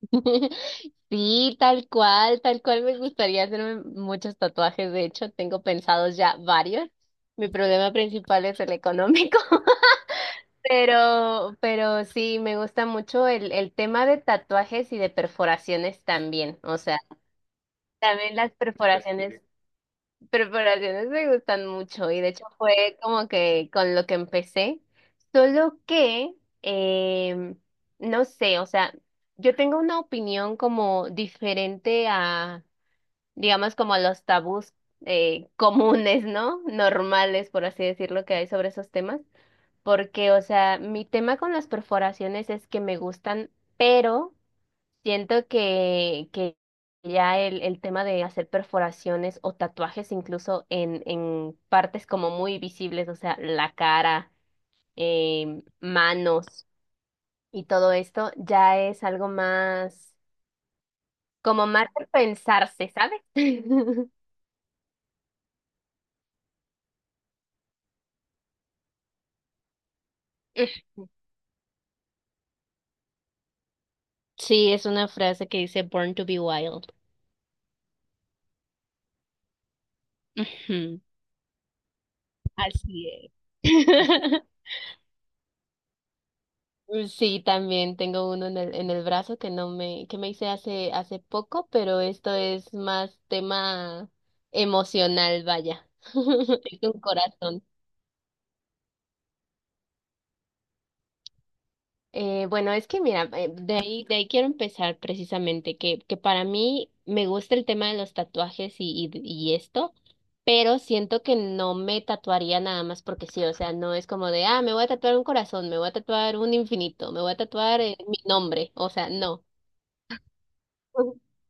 Sí, tal cual me gustaría hacerme muchos tatuajes. De hecho, tengo pensados ya varios. Mi problema principal es el económico. Pero sí, me gusta mucho el tema de tatuajes y de perforaciones también. O sea, también las perforaciones. Preparaciones me gustan mucho y de hecho fue como que con lo que empecé, solo que, em, no sé, o sea, yo tengo una opinión como diferente a, digamos, como a los tabús comunes, ¿no? Normales, por así decirlo, que hay sobre esos temas, porque, o sea, mi tema con las perforaciones es que me gustan, pero... Siento que ya el tema de hacer perforaciones o tatuajes incluso en partes como muy visibles, o sea, la cara, manos y todo esto, ya es algo más, como más de pensarse, ¿sabes? Sí, es una frase que dice Born to be wild. Ujú, así es. Mm, sí, también tengo uno en el brazo que no me, que me hice hace poco, pero esto es más tema emocional, vaya. Es un corazón. Bueno, es que mira, de ahí quiero empezar precisamente, que para mí me gusta el tema de los tatuajes y esto, pero siento que no me tatuaría nada más porque sí, o sea, no es como de, ah, me voy a tatuar un corazón, me voy a tatuar un infinito, me voy a tatuar mi nombre, o sea, no.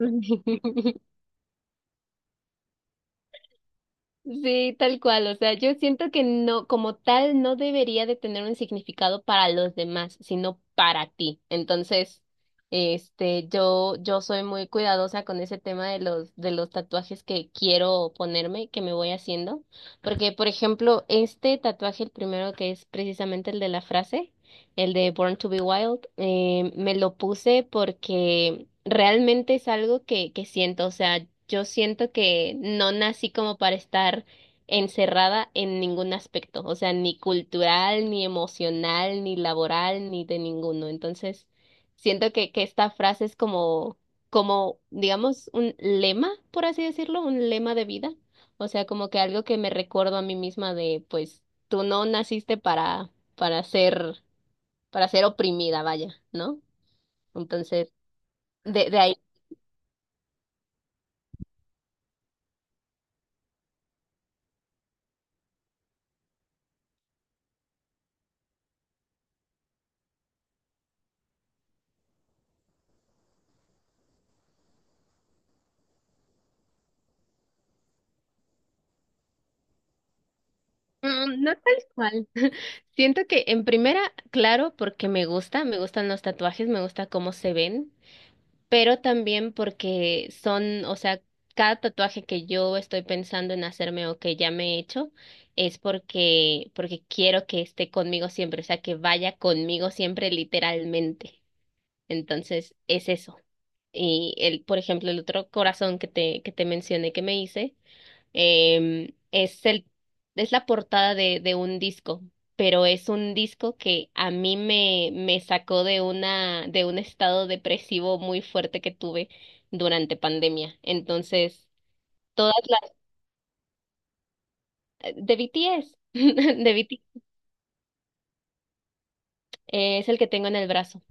Sí, tal cual. O sea, yo siento que no, como tal, no debería de tener un significado para los demás, sino para ti. Entonces, este, yo soy muy cuidadosa con ese tema de los tatuajes que quiero ponerme, que me voy haciendo. Porque, por ejemplo, este tatuaje, el primero que es precisamente el de la frase, el de Born to be Wild, me lo puse porque realmente es algo que siento, o sea, yo siento que no nací como para estar encerrada en ningún aspecto, o sea, ni cultural, ni emocional, ni laboral, ni de ninguno. Entonces, siento que esta frase es como, como, digamos, un lema, por así decirlo, un lema de vida, o sea, como que algo que me recuerdo a mí misma de, pues, tú no naciste para ser, para ser oprimida, vaya, ¿no? Entonces, de ahí. Mm, no tal cual. Siento que en primera, claro, porque me gusta, me gustan los tatuajes, me gusta cómo se ven, pero también porque son, o sea, cada tatuaje que yo estoy pensando en hacerme o que ya me he hecho es porque quiero que esté conmigo siempre, o sea, que vaya conmigo siempre literalmente. Entonces, es eso. Y el, por ejemplo, el otro corazón que te mencioné que me hice. Es el, es la portada de un disco, pero es un disco que a mí me, me sacó de una, de un estado depresivo muy fuerte que tuve durante pandemia. Entonces, todas las, de BTS, de BTS, es el que tengo en el brazo.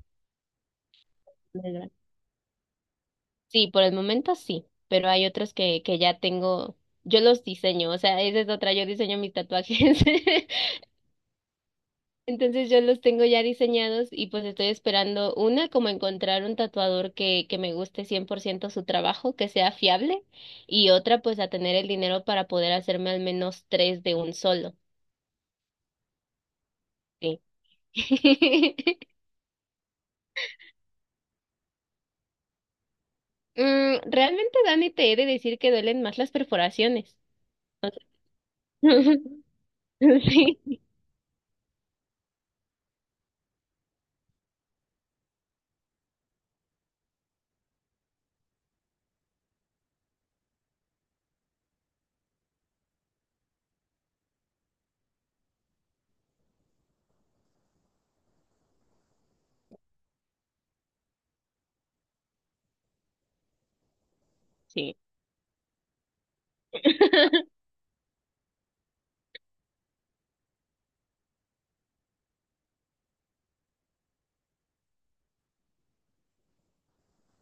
En el brazo. Sí, por el momento sí, pero hay otros que ya tengo, yo los diseño, o sea, esa es otra, yo diseño mis tatuajes. Entonces yo los tengo ya diseñados y pues estoy esperando una, como encontrar un tatuador que me guste 100% su trabajo, que sea fiable, y otra pues a tener el dinero para poder hacerme al menos tres de un solo. Sí. Mm, realmente, Dani, te he de decir que duelen más las perforaciones. Sí, sí.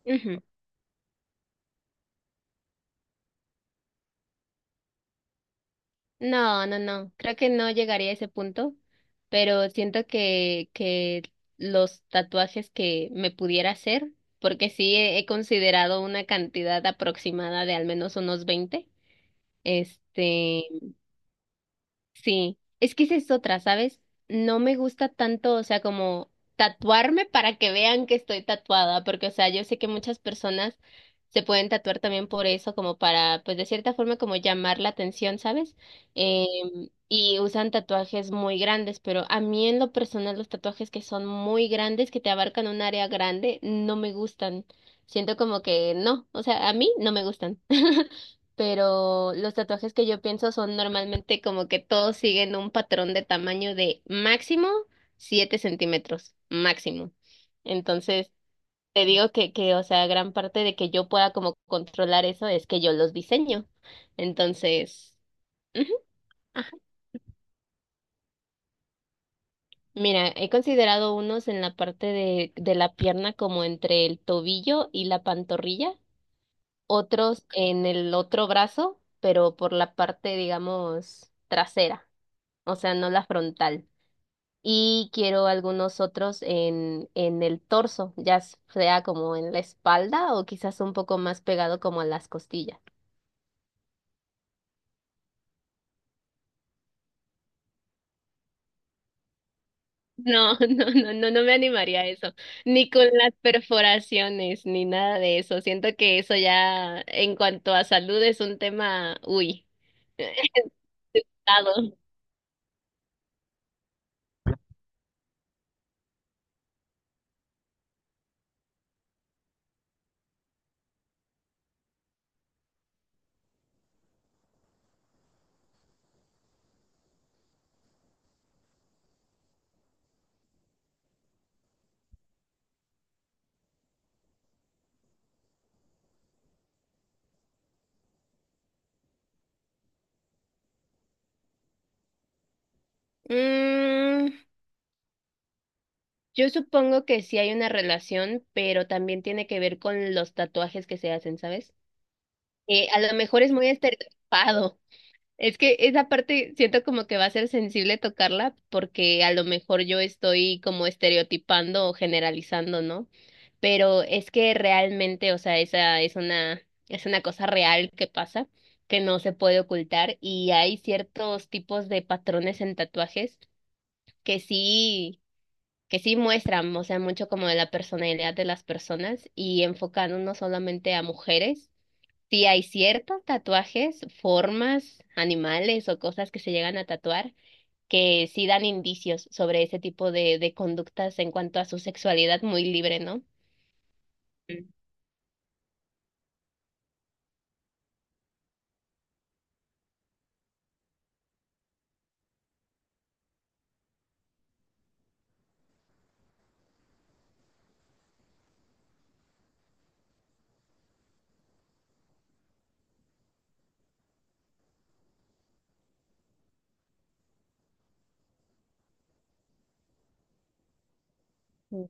Ujú. No, no, no. Creo que no llegaría a ese punto, pero siento que los tatuajes que me pudiera hacer, porque sí he considerado una cantidad aproximada de al menos unos 20, este. Sí, es que esa es otra, ¿sabes? No me gusta tanto, o sea, como tatuarme para que vean que estoy tatuada, porque, o sea, yo sé que muchas personas se pueden tatuar también por eso, como para, pues, de cierta forma, como llamar la atención, ¿sabes? Eh, y usan tatuajes muy grandes, pero a mí en lo personal los tatuajes que son muy grandes, que te abarcan un área grande, no me gustan. Siento como que no, o sea, a mí no me gustan. Pero los tatuajes que yo pienso son normalmente como que todos siguen un patrón de tamaño de máximo 7 centímetros, máximo. Entonces, te digo que, o sea, gran parte de que yo pueda como controlar eso es que yo los diseño. Entonces, ujú, ajá. Mira, he considerado unos en la parte de la pierna como entre el tobillo y la pantorrilla, otros en el otro brazo, pero por la parte, digamos, trasera. O sea, no la frontal. Y quiero algunos otros en el torso, ya sea como en la espalda o quizás un poco más pegado como a las costillas. No, no, no, no, no me animaría a eso, ni con las perforaciones, ni nada de eso. Siento que eso ya, en cuanto a salud, es un tema, uy, delicado. Mm, yo supongo que sí hay una relación, pero también tiene que ver con los tatuajes que se hacen, ¿sabes? A lo mejor es muy estereotipado. Es que esa parte siento como que va a ser sensible tocarla porque a lo mejor yo estoy como estereotipando o generalizando, ¿no? Pero es que realmente, o sea, esa es una cosa real que pasa, que no se puede ocultar y hay ciertos tipos de patrones en tatuajes que sí, que sí muestran, o sea, mucho como de la personalidad de las personas y enfocan no solamente a mujeres. Sí, hay ciertos tatuajes, formas, animales o cosas que se llegan a tatuar que sí dan indicios sobre ese tipo de conductas en cuanto a su sexualidad muy libre, ¿no? Mm.